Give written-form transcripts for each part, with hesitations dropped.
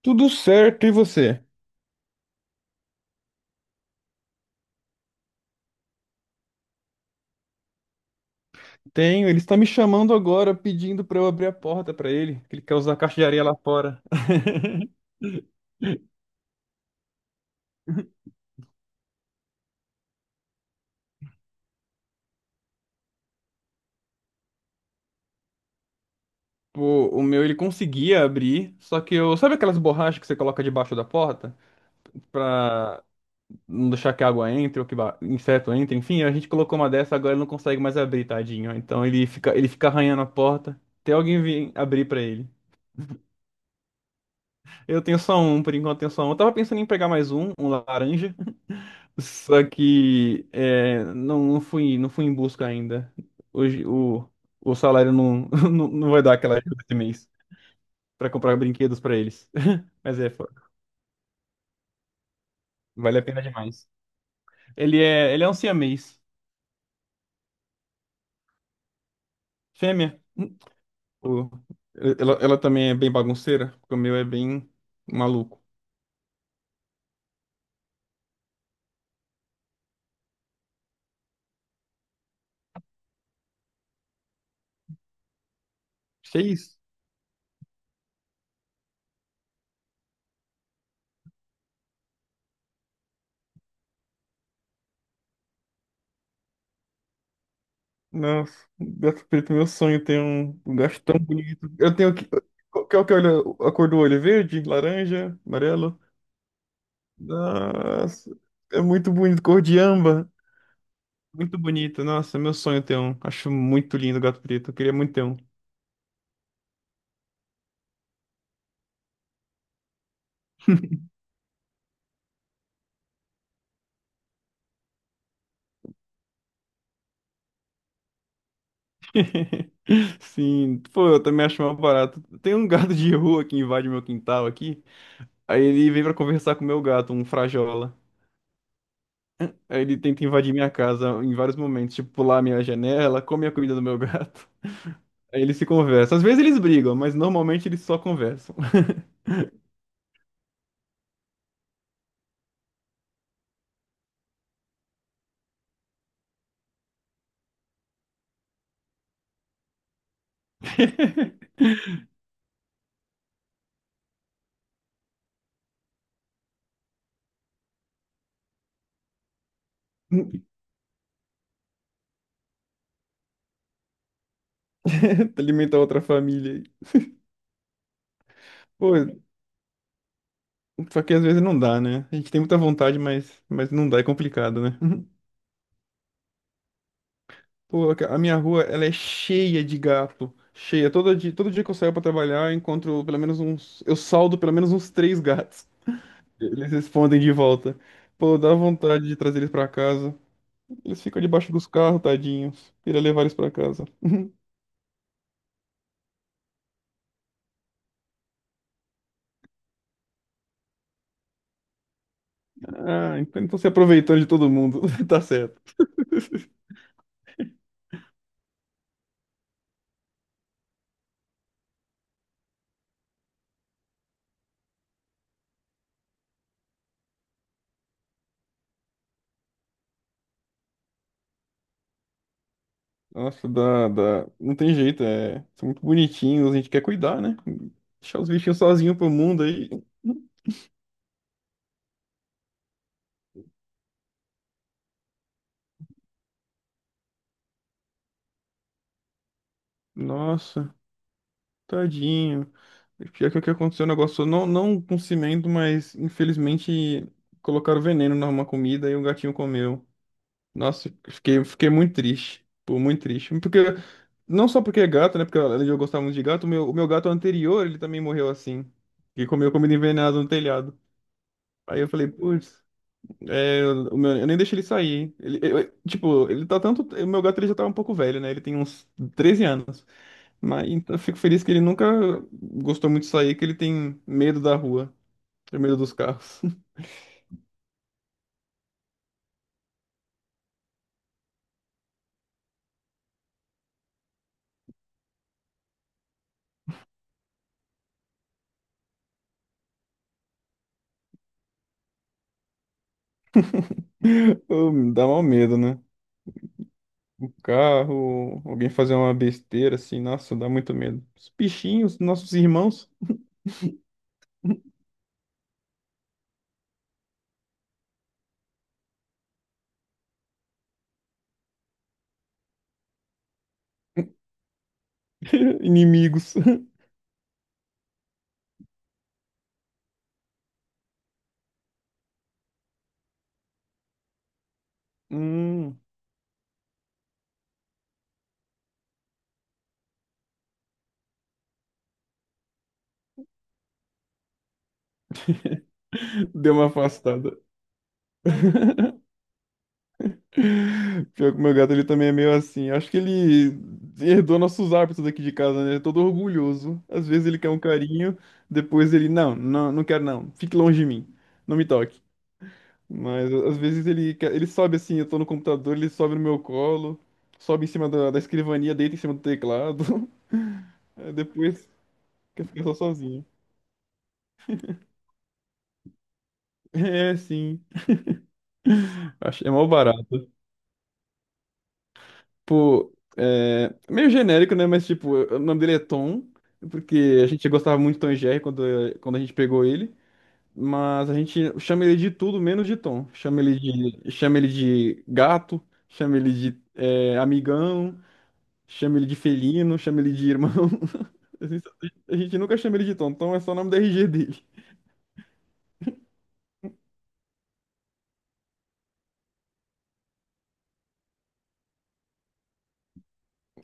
Tudo certo, e você? Tenho, ele está me chamando agora, pedindo para eu abrir a porta para ele, que ele quer usar a caixa de areia lá fora. Pô, o meu ele conseguia abrir, só que eu, sabe aquelas borrachas que você coloca debaixo da porta pra não deixar que a água entre ou que inseto entre, enfim, a gente colocou uma dessa, agora ele não consegue mais abrir, tadinho. Então ele fica arranhando a porta até alguém vir abrir para ele. Eu tenho só um, por enquanto eu tenho só um. Eu tava pensando em pegar mais um, um laranja. Só que não fui em busca ainda. Hoje o salário não vai dar aquela ajuda esse mês para comprar brinquedos para eles. Mas vale a pena demais. Ele é um siamês. Fêmea. O- ela também é bem bagunceira, porque o meu é bem maluco. Que isso? Nossa, gato preto, meu sonho tem um gato tão bonito. Eu tenho que. Qual que é a cor do olho? Verde, laranja, amarelo? Nossa, é muito bonito, cor de âmbar. Muito bonito, nossa, é meu sonho ter um. Acho muito lindo o gato preto, eu queria muito ter um. Sim, pô, eu também acho mal barato. Tem um gato de rua que invade meu quintal aqui, aí ele vem pra conversar com o meu gato, um frajola. Aí ele tenta invadir minha casa em vários momentos, tipo pular a minha janela, come a comida do meu gato. Aí eles se conversam. Às vezes eles brigam, mas normalmente eles só conversam. Alimentar outra família aí. Pô, só que às vezes não dá, né? A gente tem muita vontade, mas não dá, é complicado, né? Pô, a minha rua, ela é cheia de gato. Cheia. Todo dia que eu saio pra trabalhar, eu encontro pelo menos uns. Eu saldo pelo menos uns três gatos. Eles respondem de volta. Pô, dá vontade de trazer eles pra casa. Eles ficam debaixo dos carros, tadinhos. Queria levar eles pra casa. Ah, então se aproveitando de todo mundo. Tá certo. Nossa, dá, dá. Não tem jeito, é. São muito bonitinhos, a gente quer cuidar, né? Deixar os bichinhos sozinhos pro mundo aí. Nossa, tadinho. Pior que o que aconteceu, o negócio não com cimento, mas infelizmente colocaram veneno numa comida e o gatinho comeu. Nossa, fiquei muito triste. Pô, muito triste. Porque, não só porque é gato, né? Porque além de eu gostar muito de gato, o meu gato anterior, ele também morreu assim. E comeu comida envenenada no telhado. Aí eu falei, putz. É, eu nem deixo ele sair. Tipo, ele tá tanto. O meu gato ele já tá um pouco velho, né? Ele tem uns 13 anos. Mas então, eu fico feliz que ele nunca gostou muito de sair, que ele tem medo da rua, tem medo dos carros. Dá mal medo, né? O carro, alguém fazer uma besteira assim, nossa, dá muito medo. Os bichinhos, nossos irmãos, inimigos. Hum, deu uma afastada. Pior que o meu gato, ele também é meio assim. Acho que ele herdou nossos hábitos aqui de casa, né? É todo orgulhoso. Às vezes ele quer um carinho, depois ele, não, não, não quero não. Fique longe de mim. Não me toque. Mas às vezes ele sobe assim, eu tô no computador, ele sobe no meu colo, sobe em cima da escrivania, deita em cima do teclado. Aí depois quer ficar só sozinho. É, sim. Acho, é mó barato. Tipo, meio genérico, né? Mas, tipo, o nome dele é Tom, porque a gente gostava muito de Tom e Jerry quando a gente pegou ele. Mas a gente chama ele de tudo menos de Tom. Chama ele de gato, chama ele de amigão, chama ele de felino, chama ele de irmão. A gente a gente nunca chama ele de Tom. Tom é só o nome da RG dele.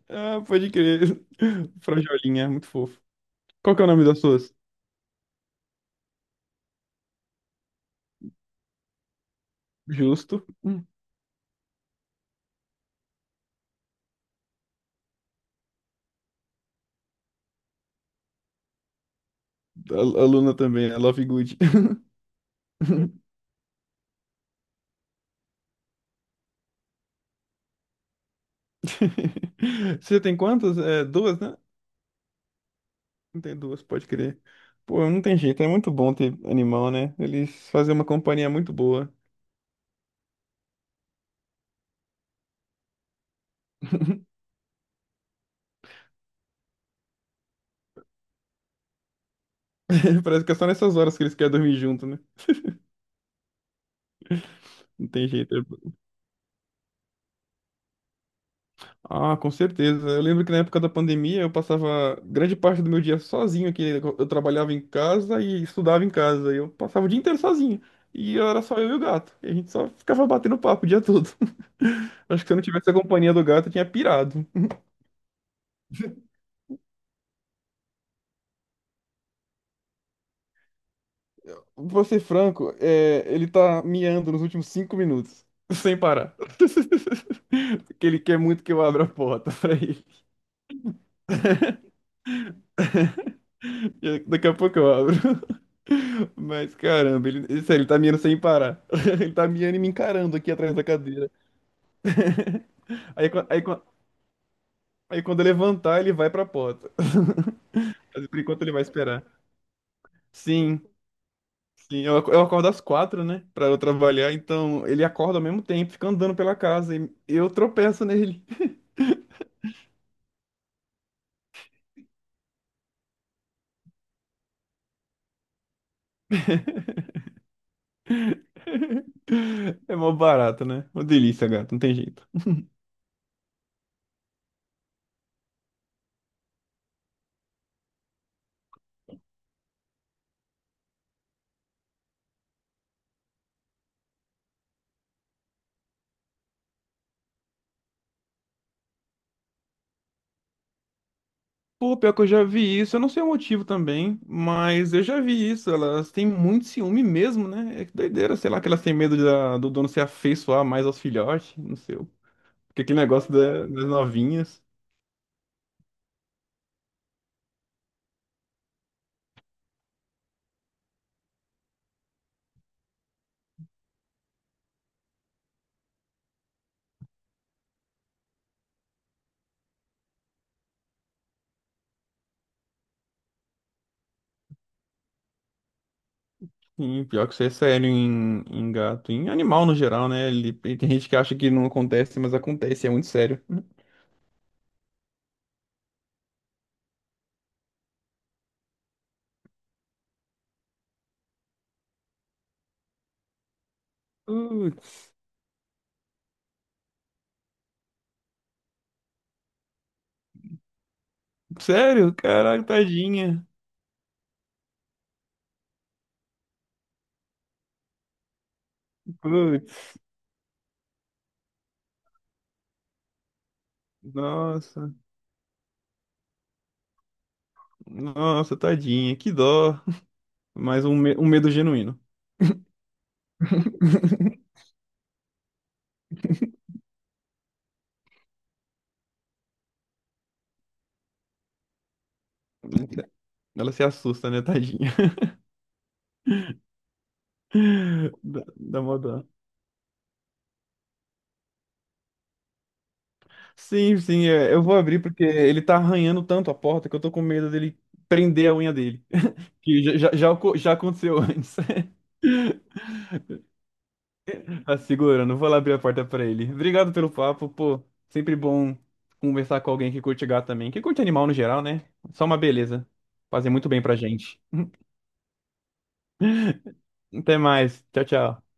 Ah, pode crer. Frajolinha, muito fofo. Qual que é o nome das suas? Justo. Hum. A Luna também, a Love Good. Você tem quantas? É, duas, né? Tem duas, pode crer. Pô, não tem jeito, é muito bom ter animal, né? Eles fazem uma companhia muito boa. Parece que é só nessas horas que eles querem dormir junto, né? Não tem jeito. Ah, com certeza. Eu lembro que na época da pandemia eu passava grande parte do meu dia sozinho aqui. Eu trabalhava em casa e estudava em casa. E eu passava o dia inteiro sozinho. E era só eu e o gato. E a gente só ficava batendo papo o dia todo. Acho que se eu não tivesse a companhia do gato, eu tinha pirado. Vou ser franco, ele tá miando nos últimos 5 minutos, sem parar. Porque ele quer muito que eu abra a porta pra ele. E daqui a pouco eu abro. Mas caramba, sério, ele tá miando sem parar. Ele tá miando e me encarando aqui atrás da cadeira. Aí, quan- aí, quan- aí quando eu levantar, ele vai pra porta. Mas por enquanto ele vai esperar. Sim. Sim, eu acordo às 4, né? Pra eu trabalhar, então ele acorda ao mesmo tempo, fica andando pela casa e eu tropeço nele. É mó barato, né? Uma delícia, gato, não tem jeito. Pô, pior que eu já vi isso, eu não sei o motivo também, mas eu já vi isso, elas têm muito ciúme mesmo, né? É que doideira, sei lá, que elas têm medo do dono se afeiçoar mais aos filhotes, não sei. Porque aquele negócio das novinhas. Sim, pior que isso é sério em gato, em animal no geral, né? Ele, e tem gente que acha que não acontece, mas acontece, é muito sério. Putz, sério? Caraca, tadinha. Putz, nossa, nossa, tadinha, que dó. Mas um medo genuíno. Ela se assusta, né, tadinha? Dá mó dó. Sim, sim, eu vou abrir porque ele tá arranhando tanto a porta que eu tô com medo dele prender a unha dele. Que já aconteceu antes. Tá segurando, vou lá abrir a porta pra ele. Obrigado pelo papo, pô. Sempre bom conversar com alguém que curte gato também. Que curte animal no geral, né? Só uma beleza. Fazer muito bem pra gente. Até mais. Tchau, tchau.